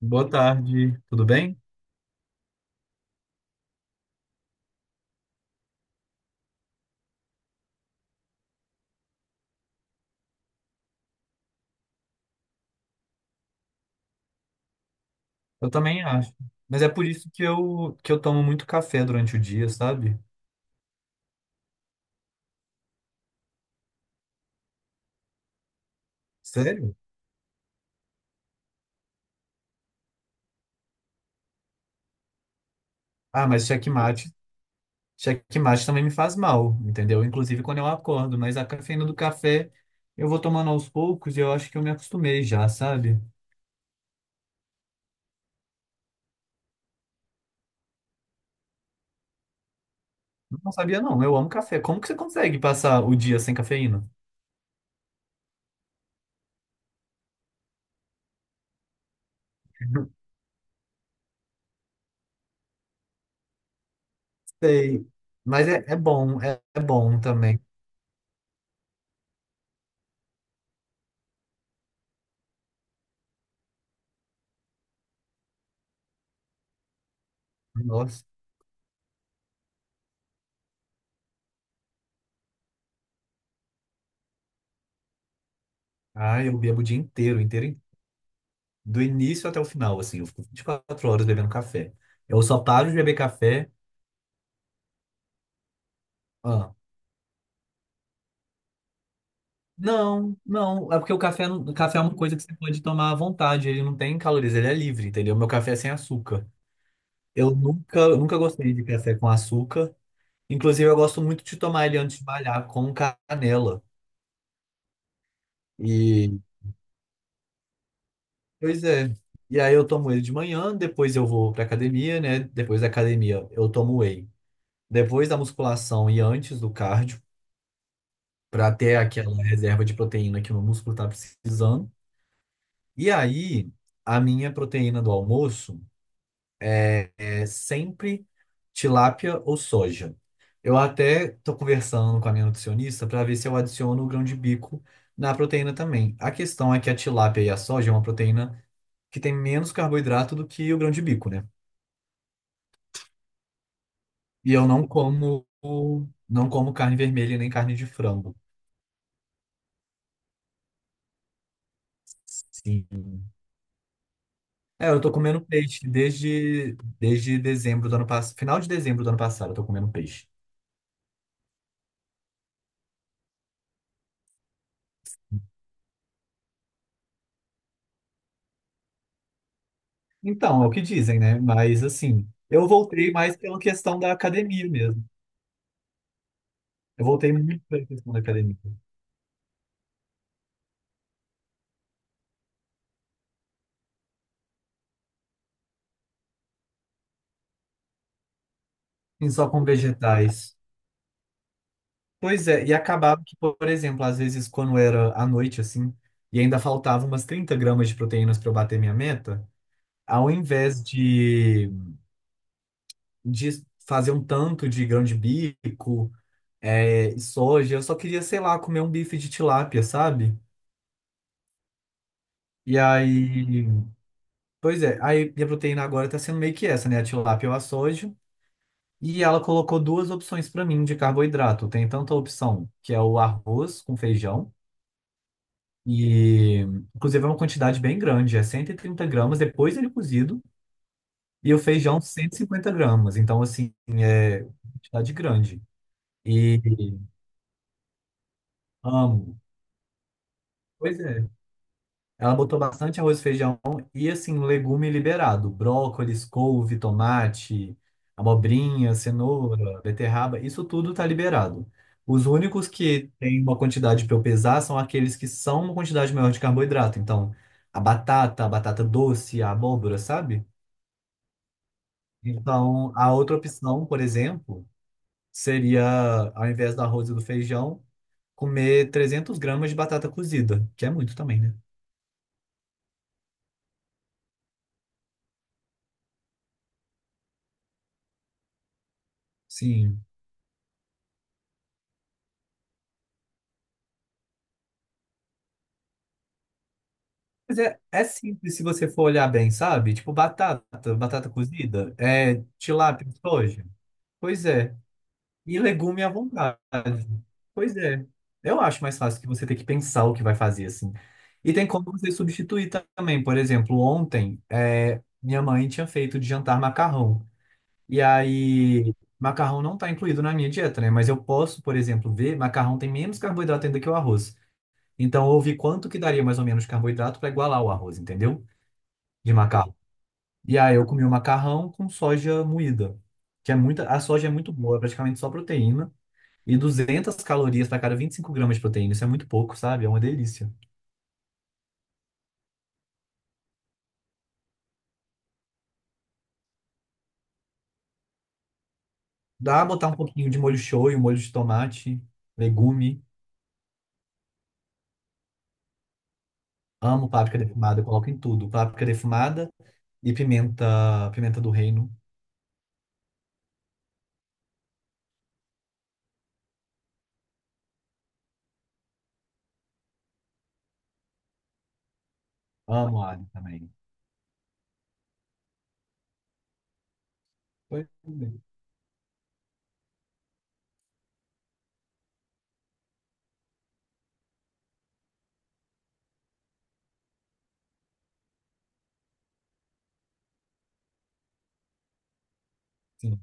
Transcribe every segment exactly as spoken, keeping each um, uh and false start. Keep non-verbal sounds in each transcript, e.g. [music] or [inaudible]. Boa tarde, tudo bem? Eu também acho. Mas é por isso que eu, que eu tomo muito café durante o dia, sabe? Sério? Ah, mas checkmate, checkmate também me faz mal, entendeu? Inclusive quando eu acordo, mas a cafeína do café eu vou tomando aos poucos e eu acho que eu me acostumei já, sabe? Não sabia não, eu amo café. Como que você consegue passar o dia sem cafeína? [laughs] Sei. Mas é, é bom, é, é bom também. Nossa. Ah, eu bebo o dia inteiro, inteiro, do início até o final, assim. Eu fico vinte e quatro horas bebendo café. Eu só paro de beber café. Ah, não, não. É porque o café, não- o café é uma coisa que você pode tomar à vontade. Ele não tem calorias, ele é livre, entendeu? Meu café é sem açúcar. Eu nunca, eu nunca gostei de café com açúcar. Inclusive, eu gosto muito de tomar ele antes de malhar com canela. E, pois é. E aí eu tomo ele de manhã, depois eu vou pra academia, né? Depois da academia eu tomo whey. Depois da musculação e antes do cardio, para ter aquela reserva de proteína que o meu músculo está precisando. E aí, a minha proteína do almoço é é sempre tilápia ou soja. Eu até estou conversando com a minha nutricionista para ver se eu adiciono o grão de bico na proteína também. A questão é que a tilápia e a soja é uma proteína que tem menos carboidrato do que o grão de bico, né? E eu não como não como carne vermelha nem carne de frango. Sim. É, eu tô comendo peixe desde, desde dezembro do ano passado, final de dezembro do ano passado, eu tô comendo peixe. Então, é o que dizem, né? Mas assim, eu voltei mais pela questão da academia mesmo. Eu voltei muito pela questão da academia. Sim, só com vegetais. Pois é, e acabava que, por exemplo, às vezes quando era à noite, assim, e ainda faltava umas trinta gramas de proteínas para eu bater minha meta, ao invés de, de fazer um tanto de grão de bico é, e soja. Eu só queria, sei lá, comer um bife de tilápia, sabe? E aí, pois é, aí minha proteína agora tá sendo meio que essa, né? A tilápia ou a soja. E ela colocou duas opções pra mim de carboidrato. Tem tanto a opção que é o arroz com feijão, e inclusive é uma quantidade bem grande, é cento e trinta gramas depois ele é cozido, e o feijão cento e cinquenta gramas. Então, assim, é quantidade grande. E amo. Pois é. Ela botou bastante arroz e feijão e, assim, legume liberado. Brócolis, couve, tomate, abobrinha, cenoura, beterraba, isso tudo tá liberado. Os únicos que tem uma quantidade para eu pesar são aqueles que são uma quantidade maior de carboidrato. Então, a batata, a batata doce, a abóbora, sabe? Então, a outra opção, por exemplo, seria, ao invés do arroz e do feijão, comer trezentos gramas de batata cozida, que é muito também, né? Sim. Mas é, é simples se você for olhar bem, sabe? Tipo batata, batata cozida, é tilápia, soja. Pois é. E legume à vontade. Pois é. Eu acho mais fácil que você ter que pensar o que vai fazer, assim. E tem como você substituir também. Por exemplo, ontem, é, minha mãe tinha feito de jantar macarrão. E aí, macarrão não está incluído na minha dieta, né? Mas eu posso, por exemplo, ver, macarrão tem menos carboidrato ainda que o arroz. Então, eu vi quanto que daria mais ou menos de carboidrato para igualar o arroz, entendeu? De macarrão. E aí eu comi o macarrão com soja moída, que é muita, a soja é muito boa, é praticamente só proteína e duzentas calorias para cada vinte e cinco gramas de proteína. Isso é muito pouco, sabe? É uma delícia. Dá pra botar um pouquinho de molho shoyu, molho de tomate, legume. Amo páprica defumada, eu coloco em tudo. Páprica defumada e pimenta, pimenta do reino. Amo alho também. Pois é. Sim,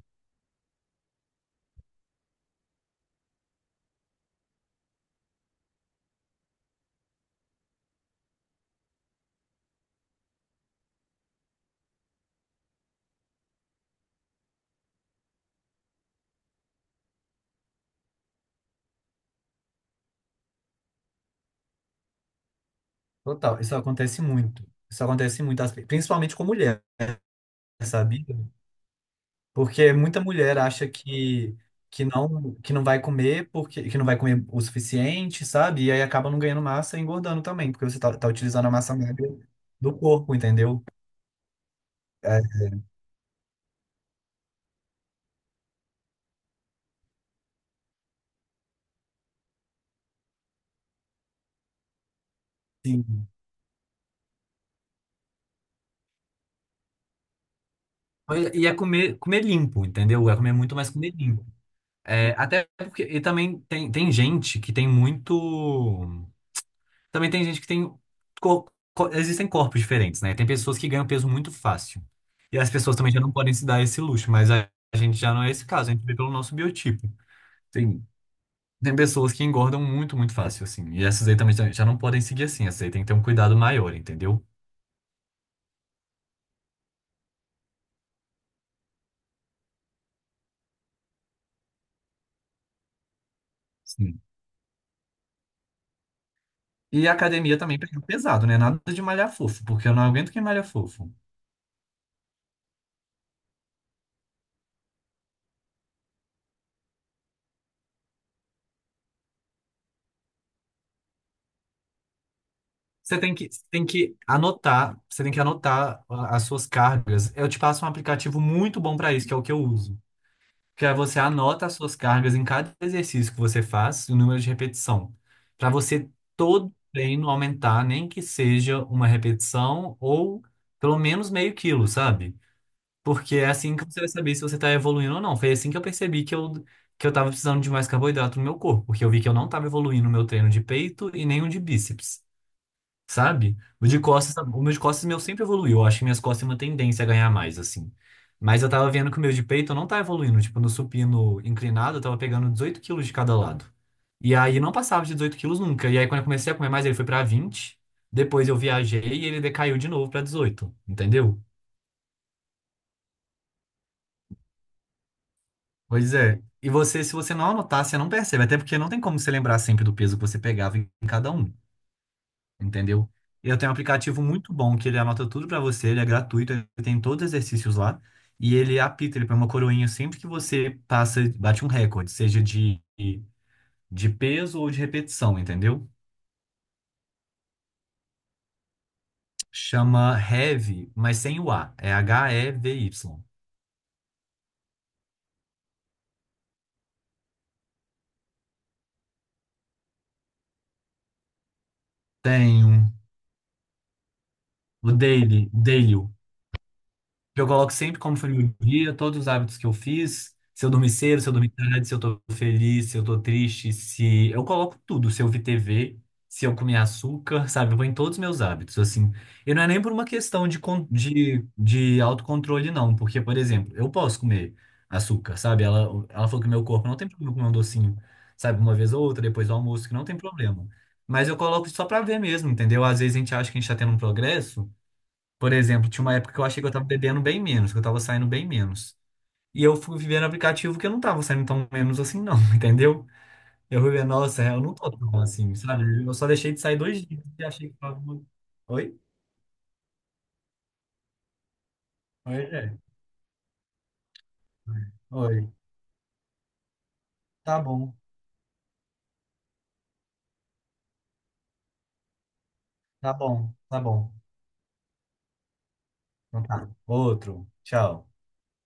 total. Isso acontece muito. Isso acontece muito, as- principalmente com mulher, sabe? Porque muita mulher acha que, que não que não vai comer porque que não vai comer o suficiente, sabe? E aí acaba não ganhando massa e engordando também, porque você tá, tá utilizando a massa magra do corpo, entendeu? É, sim. E é comer, comer limpo, entendeu? É comer muito mais comer limpo. É, até porque. E também tem, tem gente que tem muito. Também tem gente que tem. co- co- Existem corpos diferentes, né? Tem pessoas que ganham peso muito fácil. E as pessoas também já não podem se dar esse luxo, mas a a gente já não é esse caso, a gente vê pelo nosso biotipo. Tem, tem pessoas que engordam muito, muito fácil, assim. E essas aí também já já não podem seguir assim, essas aí tem que ter um cuidado maior, entendeu? Sim. E a academia também pega pesado, né? Nada de malhar fofo, porque eu não aguento quem malha fofo. Você tem que, tem que anotar, você tem que anotar a- as suas cargas. Eu te passo um aplicativo muito bom para isso, que é o que eu uso, que aí você anota as suas cargas em cada exercício que você faz, o número de repetição, para você todo treino aumentar, nem que seja uma repetição ou pelo menos meio quilo, sabe? Porque é assim que você vai saber se você está evoluindo ou não. Foi assim que eu percebi que eu que eu estava precisando de mais carboidrato no meu corpo, porque eu vi que eu não estava evoluindo o meu treino de peito e nem o de bíceps. Sabe? O de costas, o meu de costas meu sempre evoluiu. Eu acho que minhas costas têm uma tendência a ganhar mais, assim. Mas eu tava vendo que o meu de peito não tá evoluindo. Tipo, no supino inclinado, eu tava pegando dezoito quilos de cada lado. E aí não passava de dezoito quilos nunca. E aí quando eu comecei a comer mais, ele foi pra vinte. Depois eu viajei e ele decaiu de novo pra dezoito. Entendeu? Pois é. E você, se você não anotar, você não percebe. Até porque não tem como você lembrar sempre do peso que você pegava em cada um. Entendeu? E eu tenho um aplicativo muito bom que ele anota tudo pra você, ele é gratuito, ele tem todos os exercícios lá e ele apita, ele põe uma coroinha sempre que você passa, bate um recorde, seja de, de peso ou de repetição, entendeu? Chama Heavy, mas sem o A, é H-E-V-Y. Tenho o Daily, Daily. Eu coloco sempre como foi meu dia, todos os hábitos que eu fiz, se eu dormi cedo, se eu dormi tarde, se eu tô feliz, se eu tô triste, se... Eu coloco tudo, se eu vi T V, se eu comi açúcar, [laughs] sabe? Eu vou em todos os meus hábitos, assim. E não é nem por uma questão de, con- de, de autocontrole, não. Porque, por exemplo, eu posso comer açúcar, sabe? Ela, ela falou que meu corpo não tem problema comer um docinho, sabe? Uma vez ou outra, depois do almoço, que não tem problema. Mas eu coloco só pra ver mesmo, entendeu? Às vezes a gente acha que a gente tá tendo um progresso, por exemplo, tinha uma época que eu achei que eu tava bebendo bem menos, que eu tava saindo bem menos. E eu fui vivendo aplicativo que eu não tava saindo tão menos assim, não, [laughs] entendeu? Eu fui ver, nossa, eu não tô tão assim, sabe? Eu só deixei de sair dois dias e achei que tava. muito- Oi? Oi, é. Oi. Tá bom, tá bom, tá bom. Então tá. Outro. Tchau.